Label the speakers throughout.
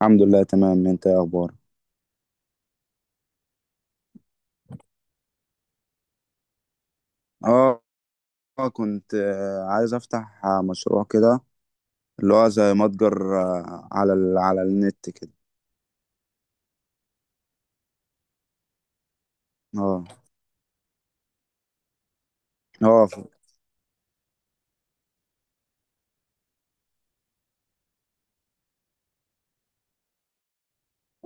Speaker 1: الحمد لله تمام، انت ايه اخبارك؟ اه كنت عايز افتح مشروع كده. اللي هو زي متجر، على النت كده. اه اه ف-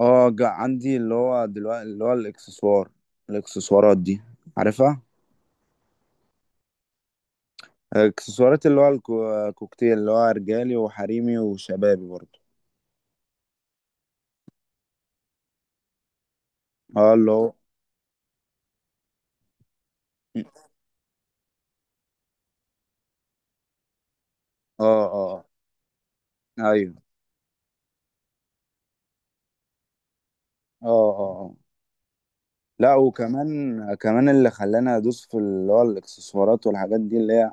Speaker 1: عندي اللي هو دلوقتي اللي هو الاكسسوار، الاكسسوارات دي، عارفها؟ الاكسسوارات، اللي هو الكوكتيل، اللي هو رجالي وحريمي وشبابي برضه. اه اللي هو. اه اه آه. ايوه. اه اه آه. لا، وكمان اللي خلاني ادوس في اللي هو الاكسسوارات والحاجات دي، اللي هي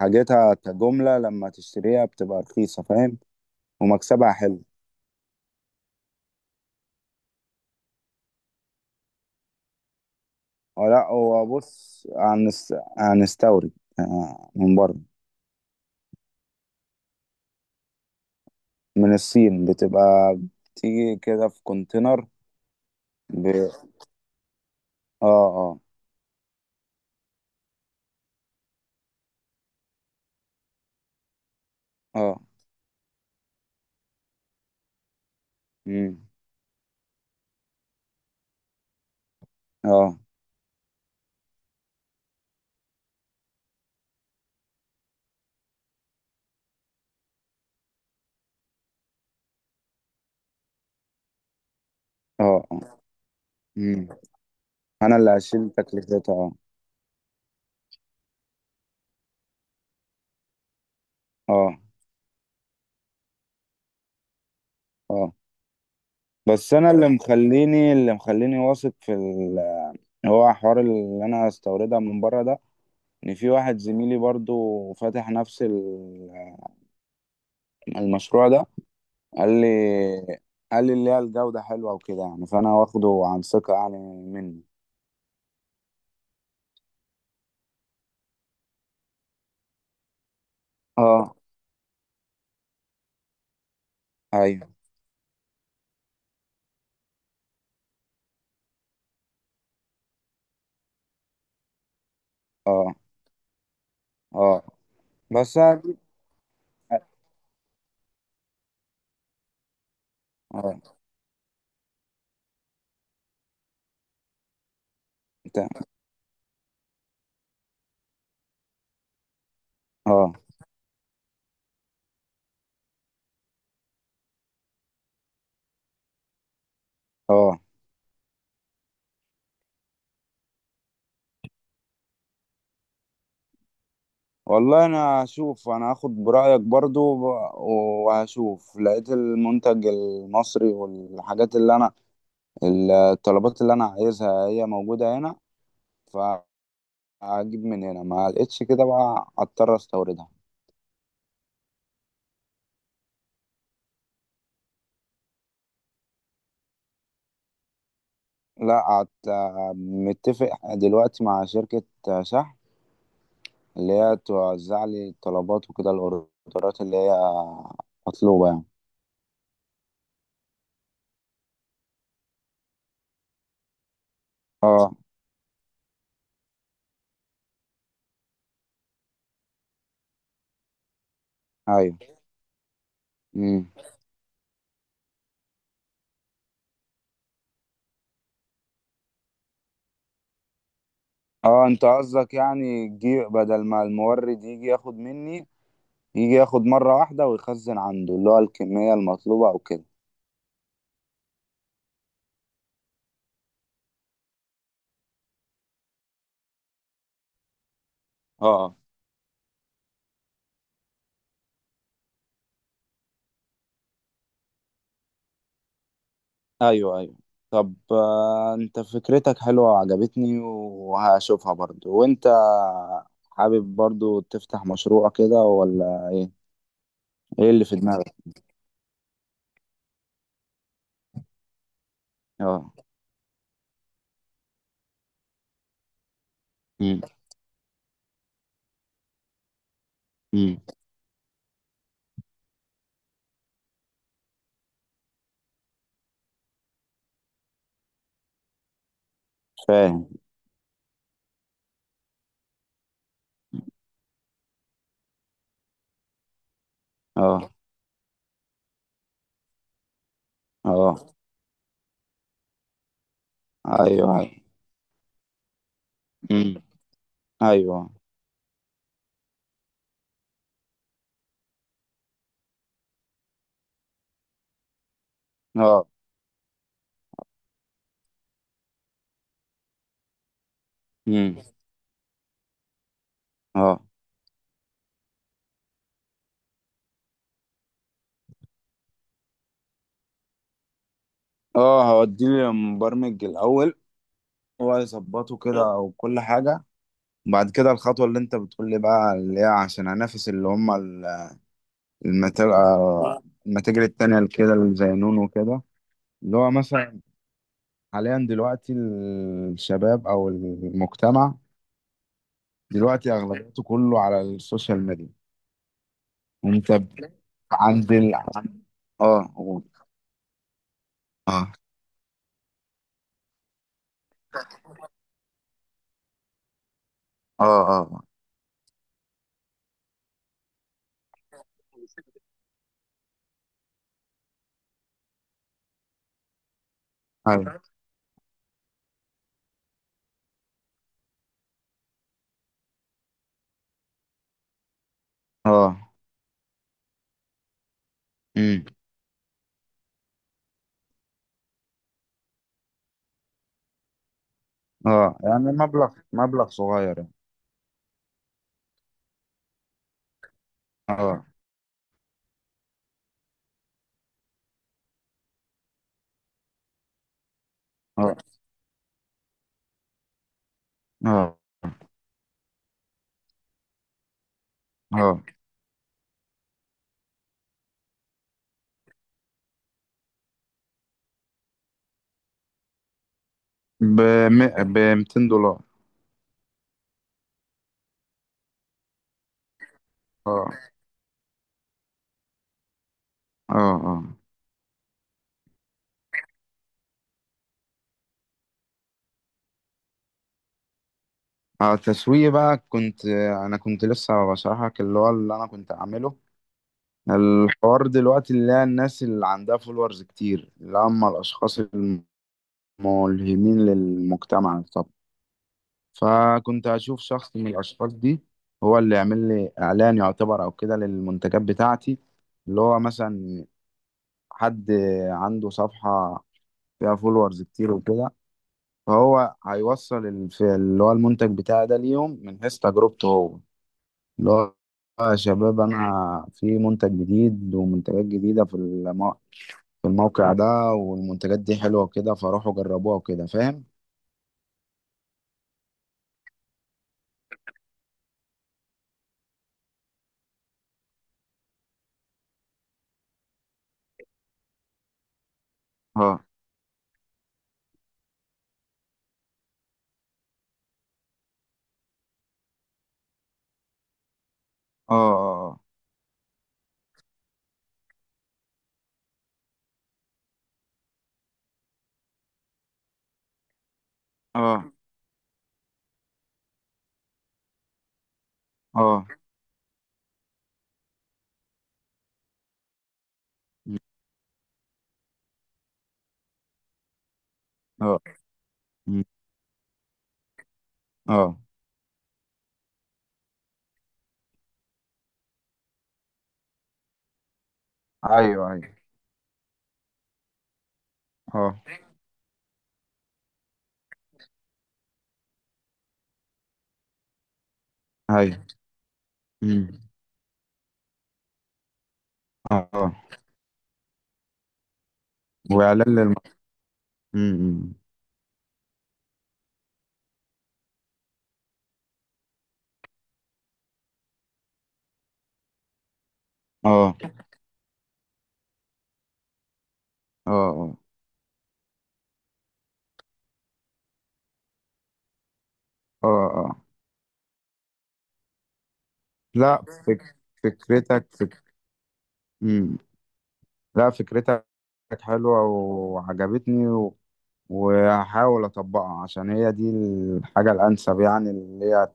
Speaker 1: حاجتها كجملة، لما تشتريها بتبقى رخيصة. فاهم؟ ومكسبها حلو. هو، لا، هو بص، هنستورد من بره. من الصين بتبقى، بتيجي كده في كونتينر. ب... اه اه اه مم. اه اه اه مم. انا اللي هشيل تكلفتها. اه اه اه بس انا اللي مخليني واثق في ال... هو حوار اللي انا هستوردها من بره ده، ان في واحد زميلي برضو فاتح نفس المشروع ده. قال لي قال لي اللي هي الجودة حلوة وكده يعني، فأنا واخده عن ثقة يعني، مني. اه أيوه. اه اه بس أنا- اه تا- اه اه والله، انا هشوف، انا هاخد برأيك برضو، وهشوف، لقيت المنتج المصري والحاجات اللي انا، الطلبات اللي انا عايزها هي موجودة هنا، فهجيب من هنا. ما لقيتش كده بقى اضطر استوردها. لا، متفق دلوقتي مع شركة شحن، اللي هي توزع لي الطلبات وكده، الاوردرات اللي هي مطلوبة يعني. اه ايوه. امم. اه انت قصدك يعني تجي بدل ما المورد يجي ياخد مني، يجي ياخد مرة واحدة ويخزن عنده اللي هو الكمية المطلوبة، او كده. اه ايوه، ايوه. طب، انت فكرتك حلوة وعجبتني، وهشوفها برضو. وانت حابب برضو تفتح مشروع كده ولا ايه؟ إيه اللي في دماغك؟ آه. إمم. إمم. فاهم. آه. آه. أيوه. أيوه. إمم. أيوه. آه. إمم. آه. آه. هاودّيه للمبرمج الأول، هو هيضبّطه كده وكل حاجة. وبعد كده الخطوة اللي أنت بتقول لي بقى، اللي هي عشان أنافس اللي هم ال المتا آه، المتاجر التانية اللي كده، اللي زي نونو وكده. اللي هو مثلًا حاليًا دلوقتي، الشباب أو المجتمع دلوقتي أغلبيته كُلّه على السوشيال ميديا. انت ب- عند ال... عن- اه قول. اه اه اه اه أيوة. اه امم. اه يعني مبلغ صغير يعني. اه اه اه اه ب ب $200. اه اه اه اه تسويق بقى. انا كنت لسه بشرحك اللي هو اللي انا كنت اعمله. الحوار دلوقتي اللي هي، الناس اللي عندها فولورز كتير، اللي هم الاشخاص الملهمين للمجتمع. فكنت اشوف شخص من الاشخاص دي، هو اللي يعمل لي اعلان يعتبر، او كده، للمنتجات بتاعتي. اللي هو مثلا، حد عنده صفحة فيها فولورز كتير وكده، فهو هيوصل اللي هو المنتج بتاعي ده ليهم، من حيث تجربته هو، اللي هو يا شباب، انا في منتج جديد ومنتجات جديدة في في الموقع ده، والمنتجات دي حلوة وكده، فروحوا جربوها وكده. فاهم؟ اه اه اه اه اه اه اه اه أيوه، أيوه، آه، أيوه، إمم، آه، آه. وإعلان للم إمم، إمم، آه، آه، آه، آه، آه. لأ، فك فكرتك فك إمم، لأ، فكرتك حلوة وعجبتني، وهاحاول أطبّقها، عشان هي دي الحاجة الأنسب يعني، اللي هي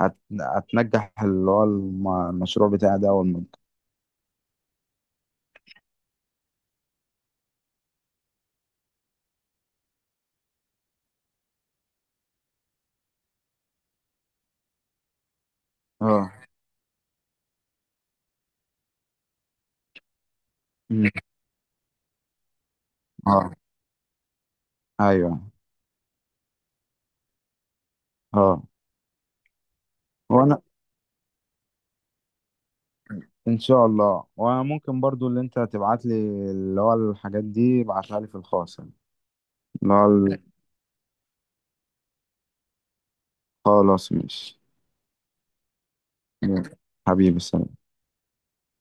Speaker 1: هت هتنجّح اللي هو المشروع بتاعي ده أول ما يبدأ. آه. إمم. آه. أيوه. آه. وأنا، ان شاء الله. وممكن برضو اللي انت تبعت لي، اللي هو الحاجات دي، ابعتها لي في الخاص يعني. اللي هو ال- خلاص، ماشي، حبيبي، سلام.